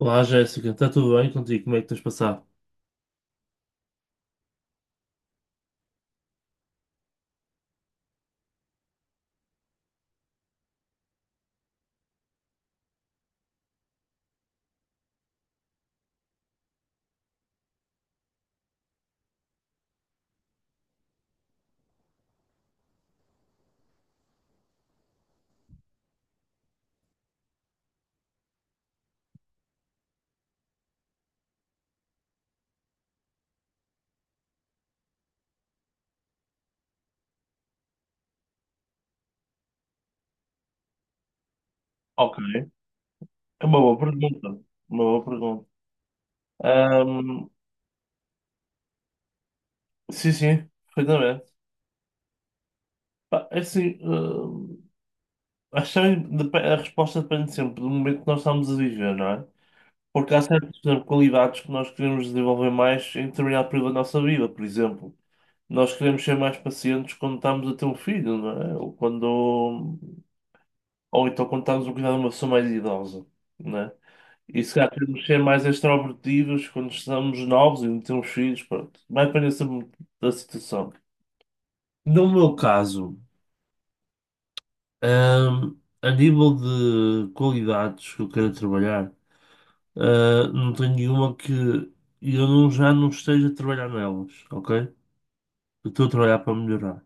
Olá, Jéssica, está tudo bem contigo? Como é que tens passado? Ok, é uma boa pergunta. Uma boa pergunta. Ahm, sim, sim, perfeitamente. Pá, é assim, acho que a resposta depende sempre do momento que nós estamos a viver, não é? Porque há certas, por exemplo, qualidades que nós queremos desenvolver mais em determinado período da nossa vida. Por exemplo, nós queremos ser mais pacientes quando estamos a ter um filho, não é? Ou quando. Ou então quando estamos a cuidar de uma pessoa mais idosa, né? E se calhar queremos ser mais extrovertidos quando estamos novos e não temos filhos, pronto. Vai depender sempre muito da situação. No meu caso, ahm, a nível de qualidades que eu quero trabalhar, não tenho nenhuma que eu não, já não esteja a trabalhar nelas, ok? Eu estou a trabalhar para melhorar.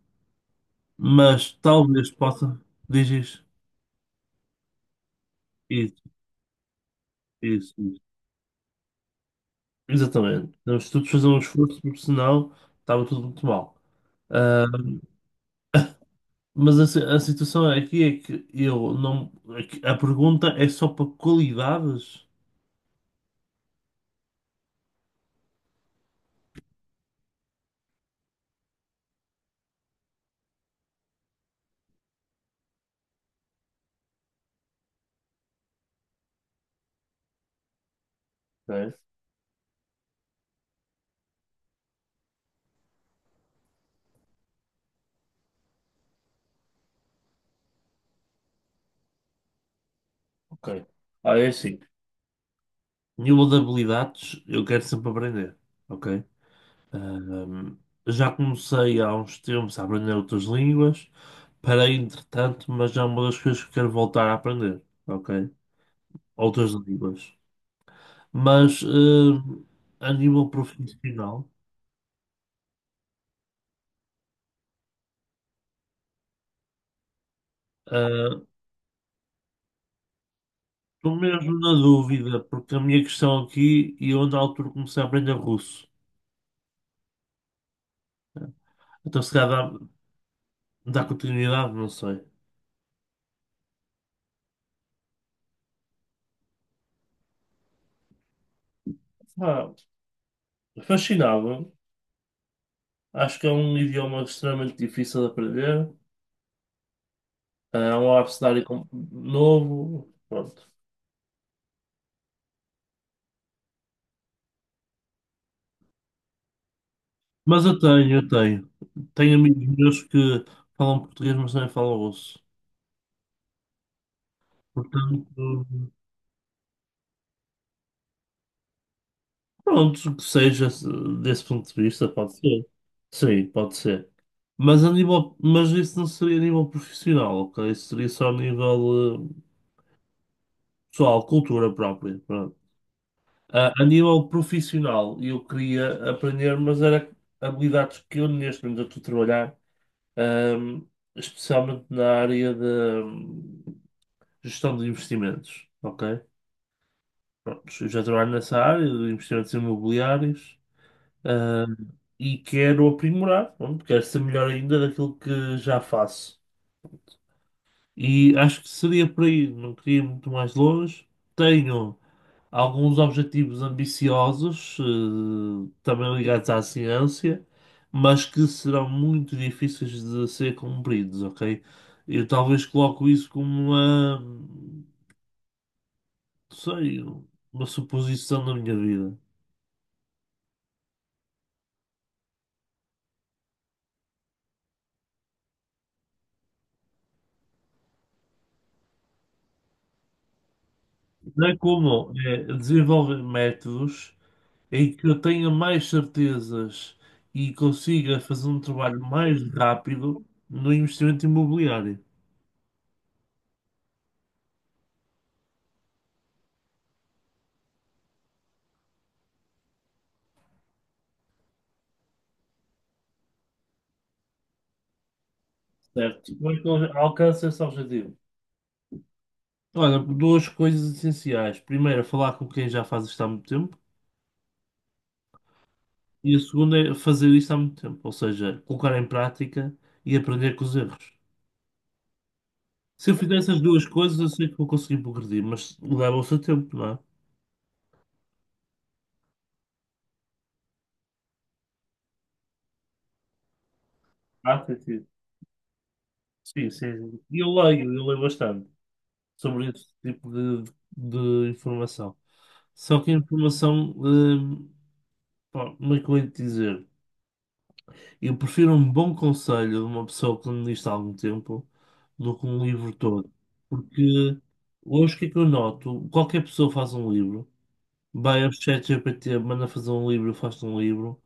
Mas talvez possa. Diz isso. Isso, isso. Exatamente. Devemos todos fazer um esforço, porque senão estava tudo muito mal. Ah, mas a, a situação aqui é que eu não. É que a pergunta é só para qualidades. Ok. Ok. Ah, é assim. Nível de habilidades, eu quero sempre aprender. Ok. Ah, já comecei há uns tempos a aprender outras línguas. Parei, entretanto, mas já é uma das coisas que quero voltar a aprender. Ok. Outras línguas. Mas a nível profissional. Estou mesmo na dúvida, porque a minha questão aqui, e eu na altura comecei a aprender russo. Então se calhar dá, dá continuidade, não sei. Ah, fascinava. Acho que é um idioma extremamente difícil de aprender. É um abecedário novo. Pronto. Mas eu tenho, eu tenho. Tenho amigos meus que falam português, mas também falam russo. Portanto. Pronto, que seja desse ponto de vista, pode ser. Sim, pode ser. Mas isso não seria a nível profissional, ok? Isso seria só a nível pessoal, cultura própria. Pronto. A nível profissional, eu queria aprender, mas era habilidades que eu neste momento estou a trabalhar, ahm, especialmente na área de hum, gestão de investimentos, ok? Pronto, eu já trabalho nessa área de investimentos imobiliários. Ah, e quero aprimorar, pronto, quero ser melhor ainda daquilo que já faço. E acho que seria por aí, não queria ir muito mais longe. Tenho alguns objetivos ambiciosos, também ligados à ciência, mas que serão muito difíceis de ser cumpridos, ok? Eu talvez coloco isso como uma, não sei, uma suposição da minha vida. Não é como é desenvolver métodos em que eu tenha mais certezas e consiga fazer um trabalho mais rápido no investimento imobiliário. Certo. Como é que eu alcanço esse objetivo? Olha, duas coisas essenciais. Primeiro, é falar com quem já faz isto há muito tempo. E a segunda é fazer isto há muito tempo, ou seja, colocar em prática e aprender com os erros. Se eu fizer essas duas coisas, eu sei que vou conseguir progredir, mas leva o seu tempo, não é? Ah, sim, sim. Sim, sim, sim. E eu leio bastante sobre esse tipo de informação. Só que a informação, pá, como é que eu hei de dizer? Eu prefiro um bom conselho de uma pessoa que me disse há algum tempo do que um livro todo. Porque hoje o que é que eu noto? Qualquer pessoa faz um livro, vai ao ChatGPT, manda fazer um livro, faz um livro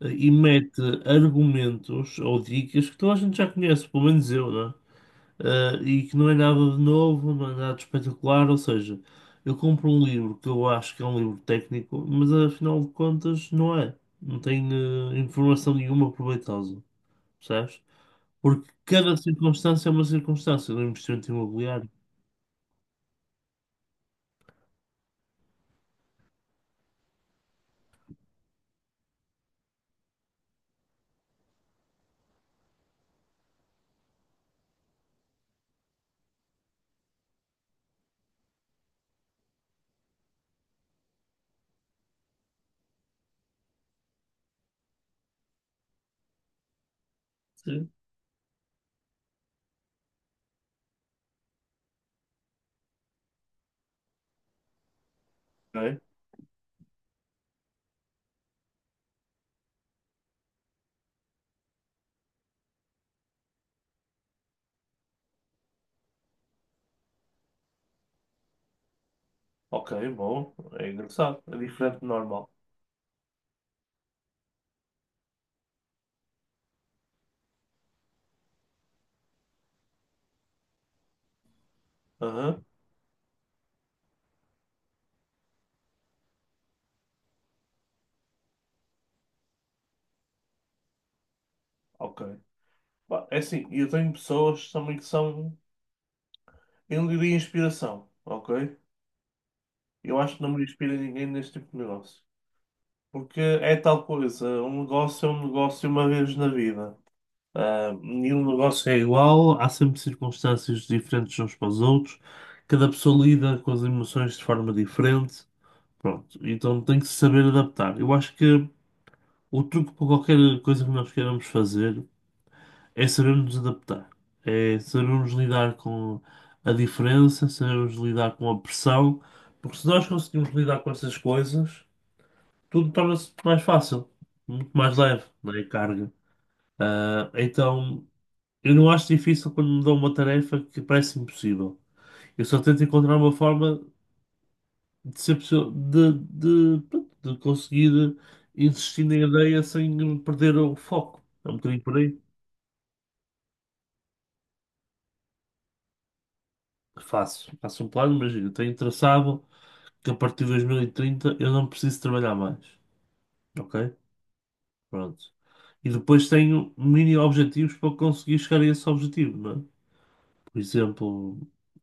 e mete argumentos ou dicas que toda a gente já conhece, pelo menos eu, né? E que não é nada de novo, não é nada de espetacular. Ou seja, eu compro um livro que eu acho que é um livro técnico, mas afinal de contas não é. Não tem informação nenhuma proveitosa, percebes? Porque cada circunstância é uma circunstância do investimento imobiliário. Sim. Ok, ok, bom, é engraçado, é diferente do normal. Aham, ok. Pá, é assim, eu tenho pessoas também que são, eu não diria inspiração, ok? Eu acho que não me inspira ninguém neste tipo de negócio. Porque é tal coisa, um negócio é um negócio uma vez na vida. Ah, nenhum negócio é igual, há sempre circunstâncias diferentes uns para os outros, cada pessoa lida com as emoções de forma diferente, pronto, então tem que se saber adaptar. Eu acho que o truque para qualquer coisa que nós queiramos fazer é sabermos adaptar, é sabermos lidar com a diferença, sabermos lidar com a pressão, porque se nós conseguimos lidar com essas coisas tudo torna-se mais fácil, muito mais leve, não é? A carga. Ah, então, eu não acho difícil quando me dão uma tarefa que parece impossível. Eu só tento encontrar uma forma de ser possível, de, pronto, de conseguir insistir na ideia sem perder o foco. É um bocadinho por aí. Faço um plano, imagina, tenho traçado que a partir de 2030 eu não preciso trabalhar mais. Ok? Pronto. E depois tenho mini objetivos para conseguir chegar a esse objetivo, não é? Por exemplo,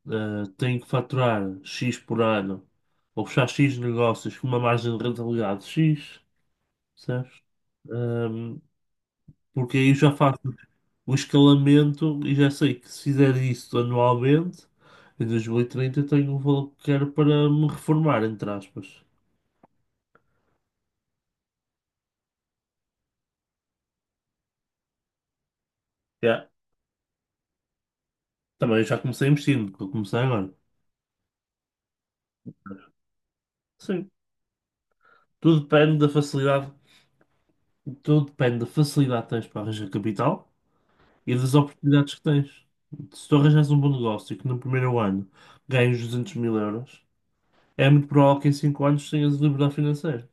tenho que faturar X por ano ou fechar X negócios com uma margem de rentabilidade X, certo? Um, porque aí já faço o escalamento e já sei que se fizer isso anualmente, em 2030 eu tenho o valor que quero para me reformar, entre aspas. Yeah. Também já comecei investindo, que eu comecei agora. Sim. Tudo depende da facilidade, tudo depende da facilidade que tens para arranjar capital e das oportunidades que tens. Se tu arranjas um bom negócio e que no primeiro ano ganhas 200 mil euros, é muito provável que em 5 anos tenhas liberdade financeira.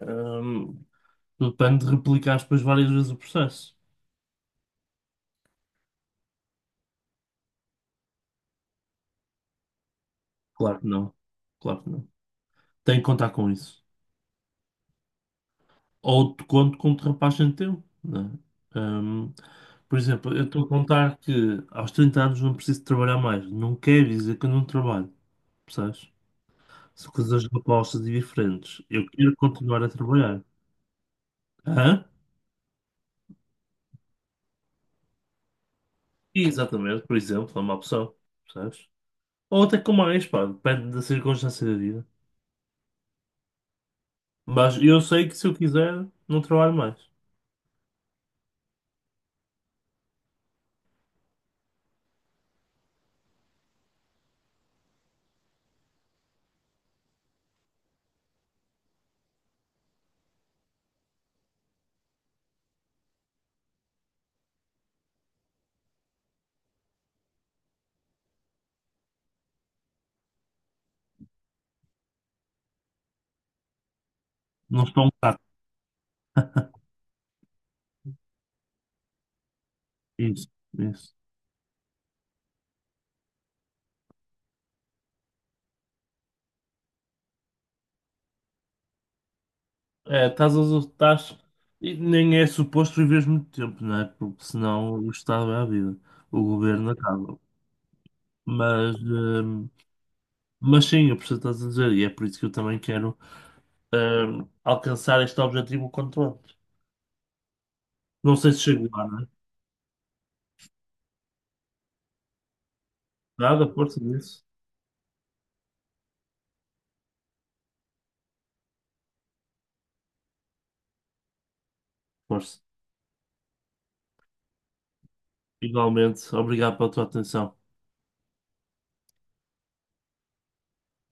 Hum, tudo depende de replicar depois várias vezes o processo. Claro que não. Claro que não. Tem que contar com isso. Ou te conto com ultrapassagem teu, né? Hum, por exemplo, eu estou a contar que aos 30 anos não preciso trabalhar mais. Não quer dizer que eu não trabalho, percebes? São coisas opostas e diferentes. Eu quero continuar a trabalhar. Hã? Exatamente, por exemplo, é uma opção, percebes? Ou até com mais, pá, depende da circunstância da vida. Mas eu sei que se eu quiser, não trabalho mais. Não estou um bocado. Isso, isso. É, estás, estás, e nem é suposto viveres muito tempo, não é? Porque senão o Estado é a vida, o governo acaba. Mas, hum, mas sim, eu percebo o que estás a dizer, e é por isso que eu também quero, alcançar este objetivo o quanto antes. Não sei se chego lá, não é? Nada, força nisso. Força. Igualmente, obrigado pela tua atenção.